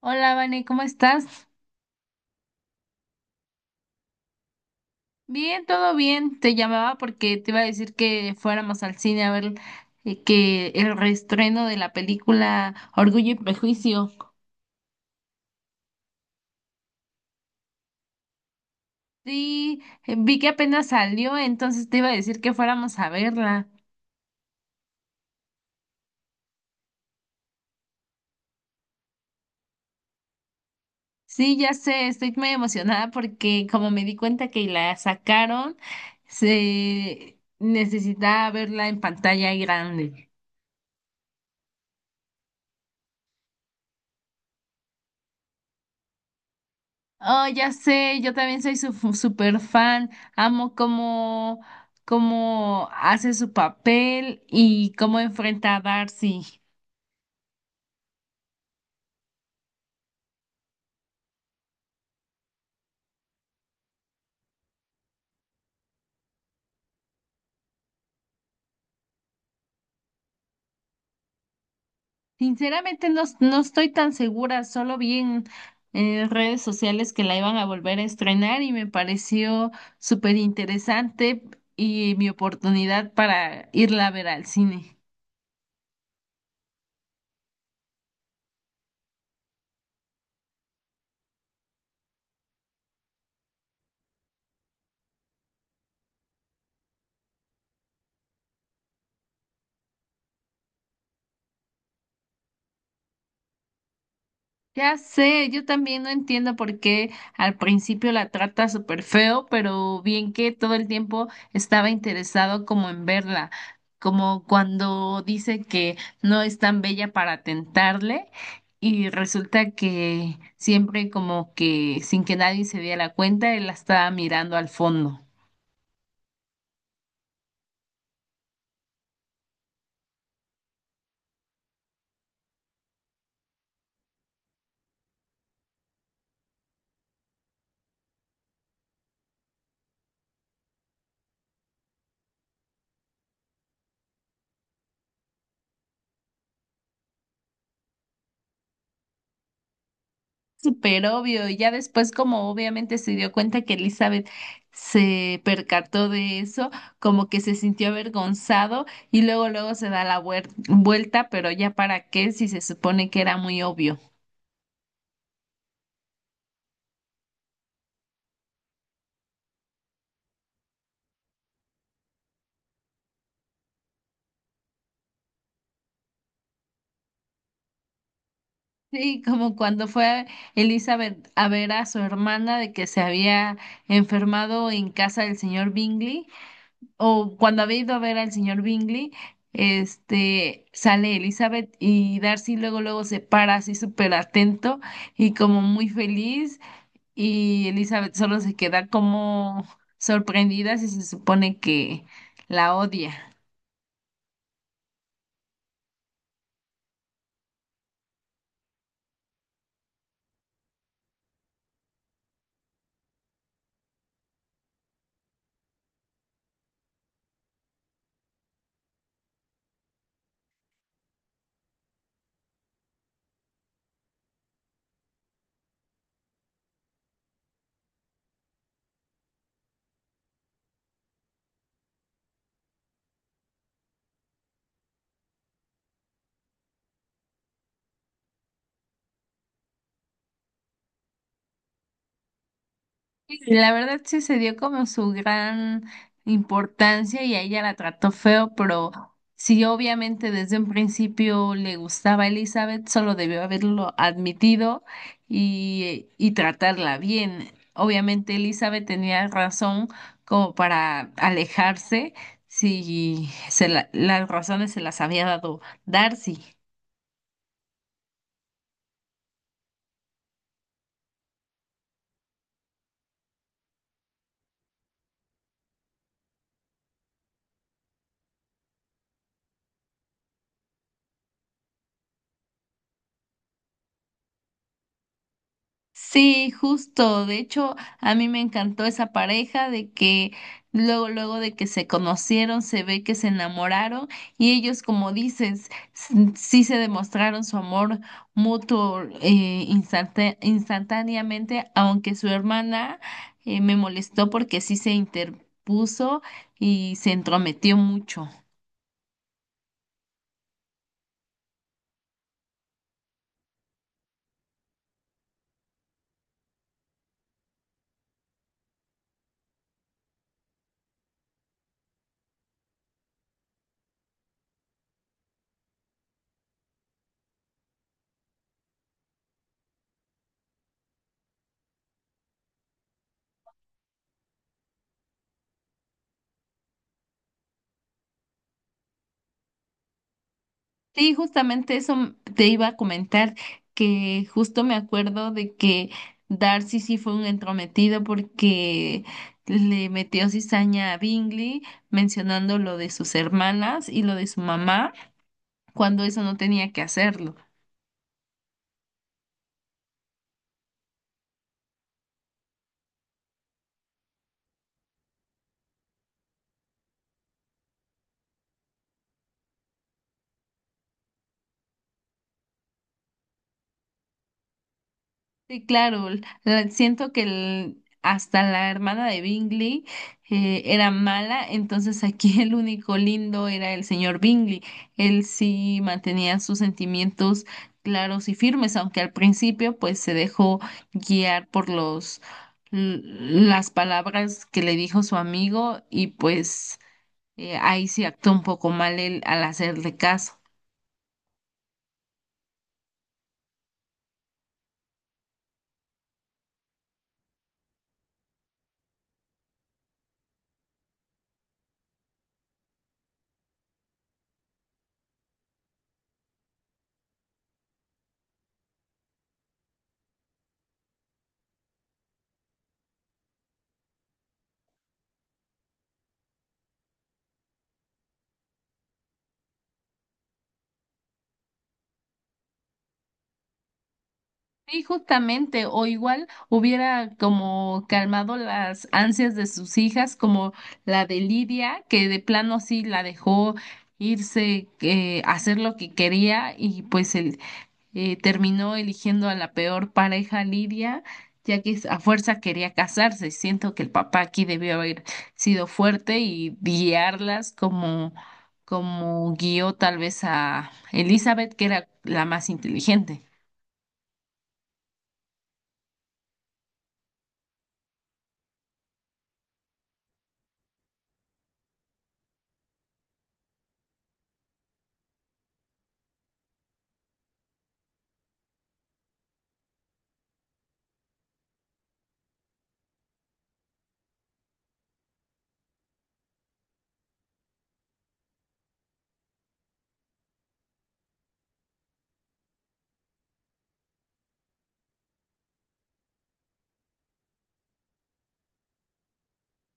Hola, Vane, ¿cómo estás? Bien, todo bien. Te llamaba porque te iba a decir que fuéramos al cine a ver que el reestreno de la película Orgullo y Prejuicio. Sí, vi que apenas salió, entonces te iba a decir que fuéramos a verla. Sí, ya sé, estoy muy emocionada porque como me di cuenta que la sacaron, se necesitaba verla en pantalla grande. Oh, ya sé, yo también soy su super fan. Amo cómo hace su papel y cómo enfrenta a Darcy. Sinceramente no, no estoy tan segura, solo vi en redes sociales que la iban a volver a estrenar y me pareció súper interesante y mi oportunidad para irla a ver al cine. Ya sé, yo también no entiendo por qué al principio la trata súper feo, pero bien que todo el tiempo estaba interesado como en verla, como cuando dice que no es tan bella para tentarle y resulta que siempre como que sin que nadie se diera cuenta, él la estaba mirando al fondo. Súper obvio. Y ya después, como obviamente se dio cuenta que Elizabeth se percató de eso, como que se sintió avergonzado y luego, luego se da la vuelta, pero ya para qué si se supone que era muy obvio. Sí, como cuando fue Elizabeth a ver a su hermana de que se había enfermado en casa del señor Bingley. O cuando había ido a ver al señor Bingley, este, sale Elizabeth y Darcy luego luego se para así súper atento y como muy feliz y Elizabeth solo se queda como sorprendida si se supone que la odia. Sí, la verdad sí se dio como su gran importancia y a ella la trató feo, pero sí obviamente desde un principio le gustaba a Elizabeth, solo debió haberlo admitido y tratarla bien. Obviamente Elizabeth tenía razón como para alejarse si las razones se las había dado Darcy. Sí, justo. De hecho, a mí me encantó esa pareja de que luego, luego de que se conocieron, se ve que se enamoraron y ellos, como dices, sí se demostraron su amor mutuo instantáneamente, aunque su hermana me molestó porque sí se interpuso y se entrometió mucho. Sí, justamente eso te iba a comentar, que justo me acuerdo de que Darcy sí fue un entrometido porque le metió cizaña a Bingley mencionando lo de sus hermanas y lo de su mamá, cuando eso no tenía que hacerlo. Sí, claro, siento que hasta la hermana de Bingley era mala, entonces aquí el único lindo era el señor Bingley. Él sí mantenía sus sentimientos claros y firmes, aunque al principio pues se dejó guiar por los las palabras que le dijo su amigo y pues ahí sí actuó un poco mal él al hacerle caso. Sí, justamente, o igual hubiera como calmado las ansias de sus hijas, como la de Lidia, que de plano sí la dejó irse, a hacer lo que quería y pues él terminó eligiendo a la peor pareja Lidia, ya que a fuerza quería casarse. Siento que el papá aquí debió haber sido fuerte y guiarlas como guió tal vez a Elizabeth, que era la más inteligente.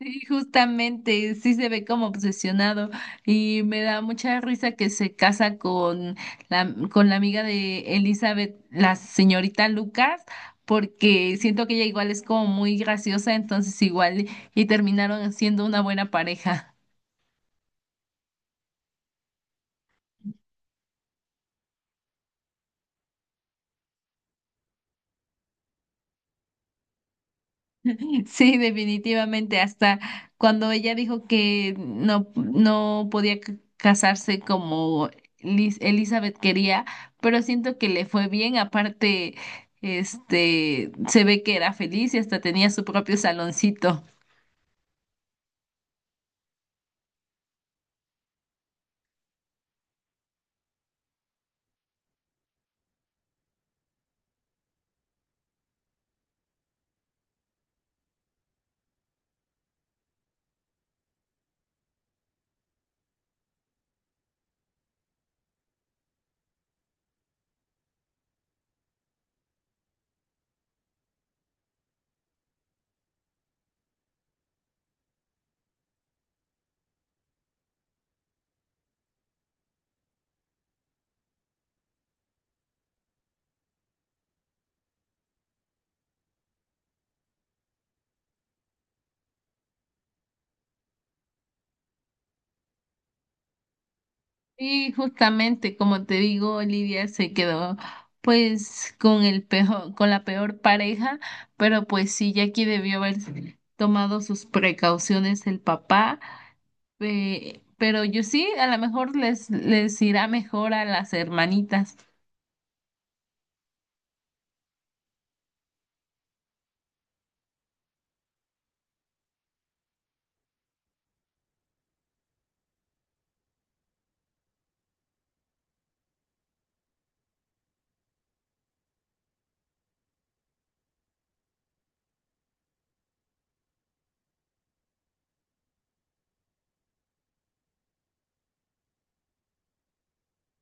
Sí, justamente, sí se ve como obsesionado y me da mucha risa que se casa con la amiga de Elizabeth, la señorita Lucas, porque siento que ella igual es como muy graciosa, entonces igual y terminaron siendo una buena pareja. Sí, definitivamente, hasta cuando ella dijo que no, no podía casarse como Elizabeth quería, pero siento que le fue bien, aparte, este, se ve que era feliz y hasta tenía su propio saloncito. Y justamente, como te digo, Olivia se quedó pues con el peor, con la peor pareja, pero pues sí, Jackie debió haber tomado sus precauciones el papá. Pero yo sí, a lo mejor les irá mejor a las hermanitas.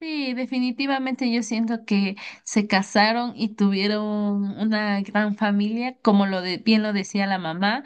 Sí, definitivamente yo siento que se casaron y tuvieron una gran familia, como bien lo decía la mamá,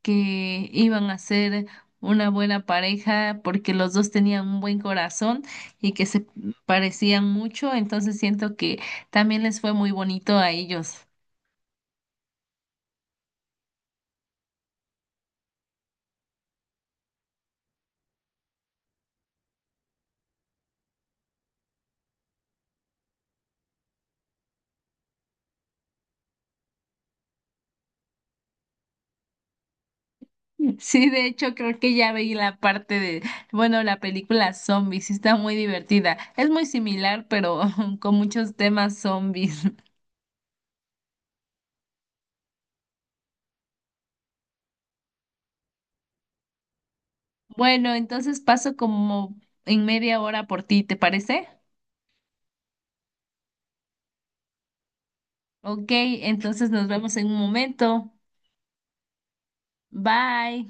que iban a ser una buena pareja porque los dos tenían un buen corazón y que se parecían mucho, entonces siento que también les fue muy bonito a ellos. Sí, de hecho creo que ya veí la parte bueno, la película Zombies, sí está muy divertida. Es muy similar, pero con muchos temas zombies. Bueno, entonces paso como en media hora por ti, ¿te parece? Ok, entonces nos vemos en un momento. Bye.